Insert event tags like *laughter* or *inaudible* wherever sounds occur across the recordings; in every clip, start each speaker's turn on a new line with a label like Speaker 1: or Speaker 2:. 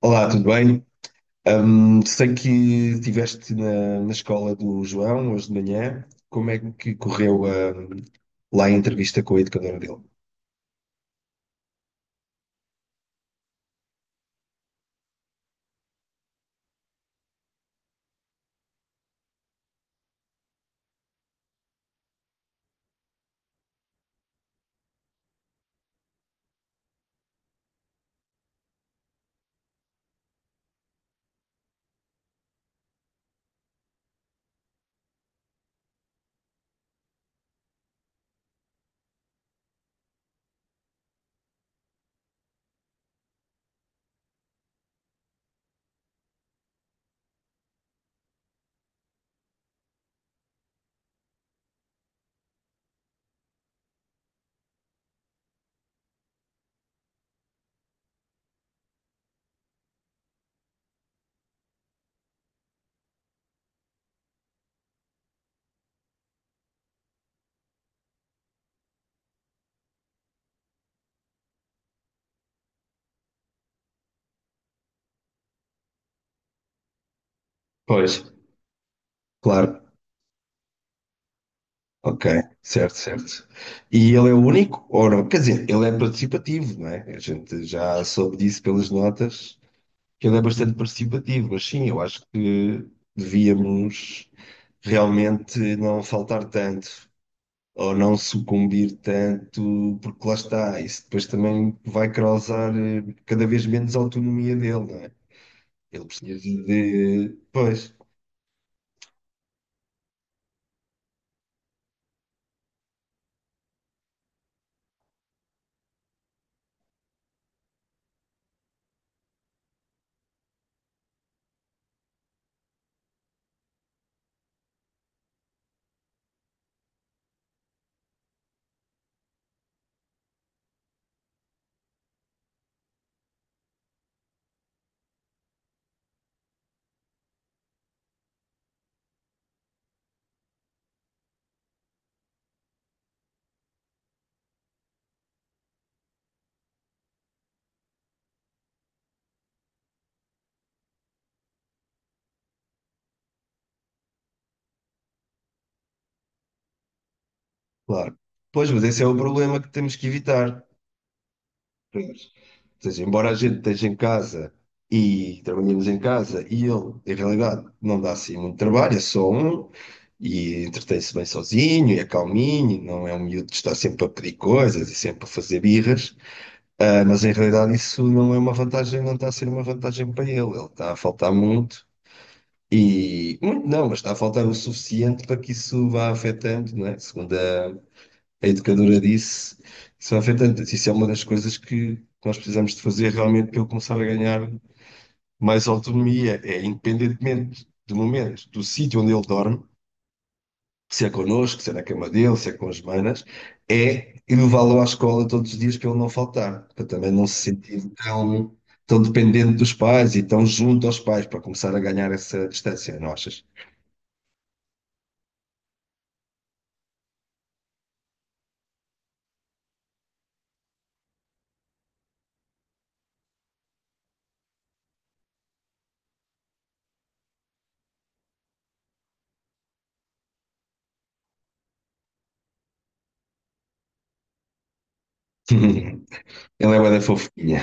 Speaker 1: Olá, tudo bem? Sei que estiveste na escola do João hoje de manhã. Como é que correu, lá a entrevista com a educadora dele? Pois. Claro. Ok, certo, certo. E ele é o único? Ou não? Quer dizer, ele é participativo, não é? A gente já soube disso pelas notas, que ele é bastante participativo, mas sim, eu acho que devíamos realmente não faltar tanto. Ou não sucumbir tanto, porque lá está, isso depois também vai causar cada vez menos autonomia dele, não é? Ele precisa de. Pois, claro. Pois, mas esse é o problema que temos que evitar. Pois. Ou seja, embora a gente esteja em casa e trabalhemos em casa e ele, em realidade, não dá assim muito trabalho, é só um. E entretém-se bem sozinho, e é calminho, e não é um miúdo que está sempre a pedir coisas e sempre a fazer birras. Ah, mas em realidade isso não é uma vantagem, não está a ser uma vantagem para ele. Ele está a faltar muito e muito não, mas está a faltar o suficiente para que isso vá afetando, não é? Segundo a educadora disse, isso vai afetando. Isso é uma das coisas que nós precisamos de fazer realmente para ele começar a ganhar mais autonomia, é independentemente do momento, do sítio onde ele dorme, se é connosco, se é na cama dele, se é com as manas, é levá-lo à escola todos os dias para ele não faltar, para também não se sentir tão, tão dependente dos pais e tão junto aos pais, para começar a ganhar essa distância, não achas? *laughs* Ele é uma da fofinha.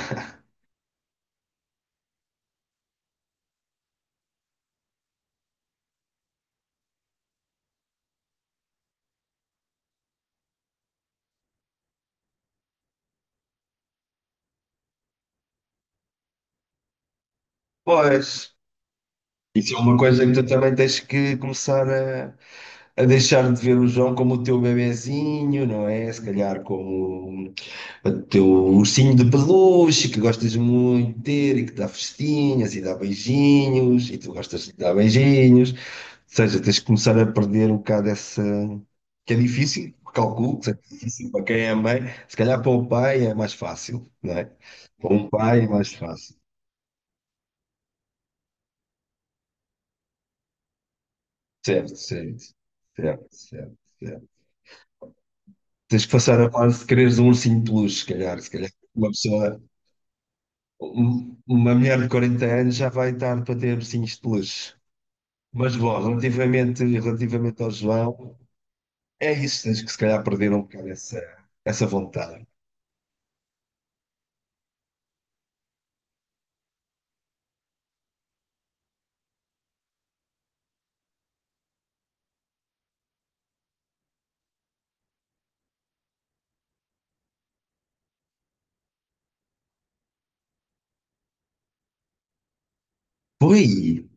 Speaker 1: Pois. Isso é uma coisa que tu também tens que começar a, deixar de ver o João como o teu bebezinho, não é? Se calhar como um o teu ursinho de peluche que gostas muito de ter e que dá festinhas e dá beijinhos e tu gostas de dar beijinhos. Ou seja, tens de começar a perder um bocado essa. Que é difícil, calculo que seja difícil para quem é mãe. Se calhar para o pai é mais fácil, não é? Para um pai é mais fácil. Certo, certo, certo, certo. Certo. Tens que passar a fase de quereres um ursinho de peluche, se calhar, se calhar. Uma pessoa, uma mulher de 40 anos já vai tarde para ter ursinhos de peluche. Mas bom, relativamente ao João, é isso, tens que se calhar perder um bocado essa vontade. Por aí,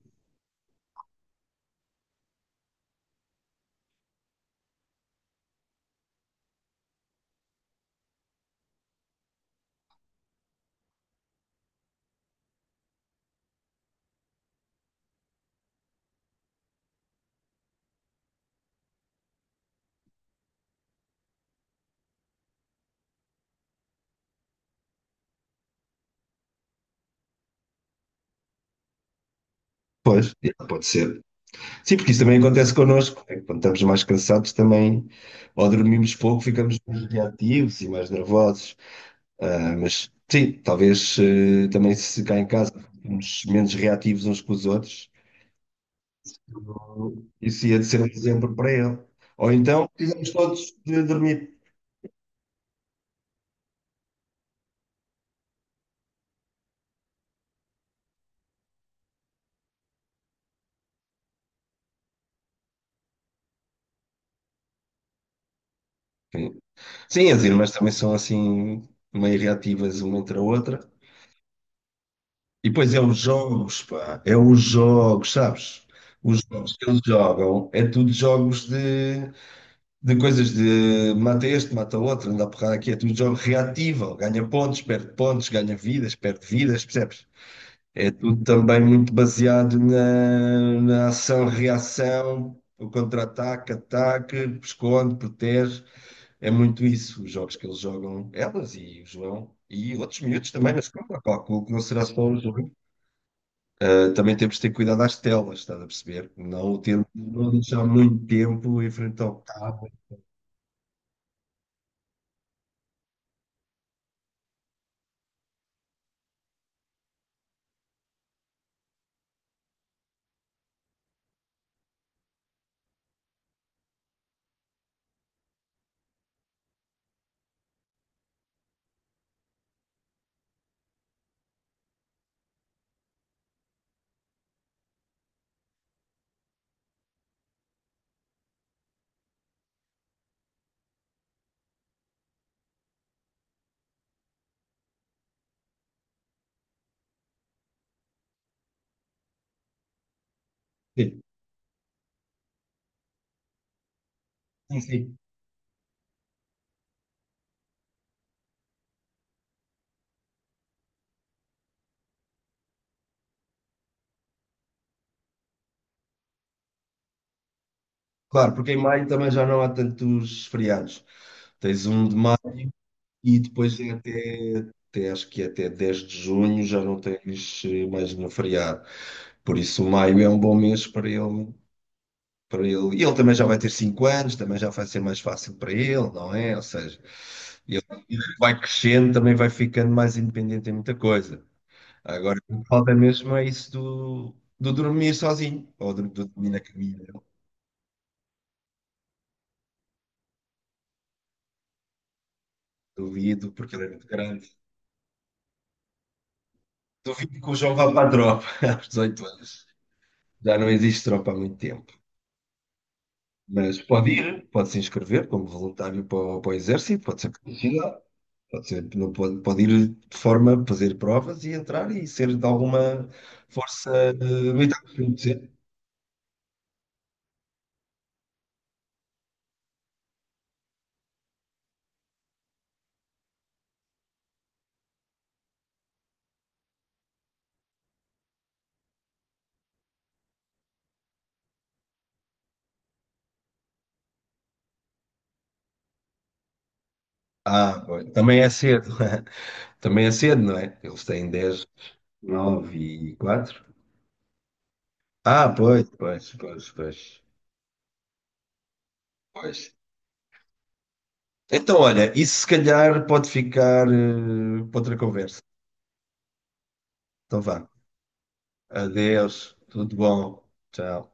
Speaker 1: pois, é, pode ser. Sim, porque isso também acontece connosco, né? Quando estamos mais cansados também, ou dormimos pouco, ficamos mais reativos e mais nervosos. Ah, mas sim, talvez também se cá em casa ficamos menos reativos uns com os outros, isso ia de ser um exemplo para ele. Ou então, fizemos todos de dormir. Sim, as irmãs também são assim meio reativas uma entre a outra. E depois é os jogos, pá, é os jogos, sabes? Os jogos que eles jogam é tudo jogos de coisas de mata este, mata outro, anda a porrada aqui, é tudo jogo reativo, ganha pontos, perde pontos, ganha vidas, perde vidas, percebes? É tudo também muito baseado na ação-reação, o contra-ataque, ataque, esconde, protege. É muito isso, os jogos que eles jogam, elas e o João, e outros miúdos também na escola. Calculo que não será só o João. Ah, também temos de ter cuidado às telas, estás a perceber? Não, ter, não deixar muito tempo em frente ao cabo. Sim, sim. Sim. Claro, porque em maio também já não há tantos feriados. Tens 1 de maio e depois é até, acho que é até 10 de junho já não tens mais nenhum feriado. Por isso, maio é um bom mês para ele. Para ele. E ele também já vai ter 5 anos, também já vai ser mais fácil para ele, não é? Ou seja, ele ele vai crescendo, também vai ficando mais independente em muita coisa. Agora, o que falta mesmo é isso do, do, dormir sozinho, ou do dormir na caminha. Duvido, porque ele é muito grande. Duvido que o João vá para a tropa *laughs* aos 18 anos. Já não existe tropa há muito tempo. Mas pode ir, pode se inscrever como voluntário para, para o exército, pode ser. Pode ser, não pode, pode ir de forma a fazer provas e entrar e ser de alguma força militar. Quer dizer. Ah, pois, também é cedo. *laughs* Também é cedo, não é? Eles têm 10, 9 e 4 Ah, pois, pois, pois, pois, pois. Então, olha, isso se calhar pode ficar para outra conversa. Então vá. Adeus, tudo bom. Tchau.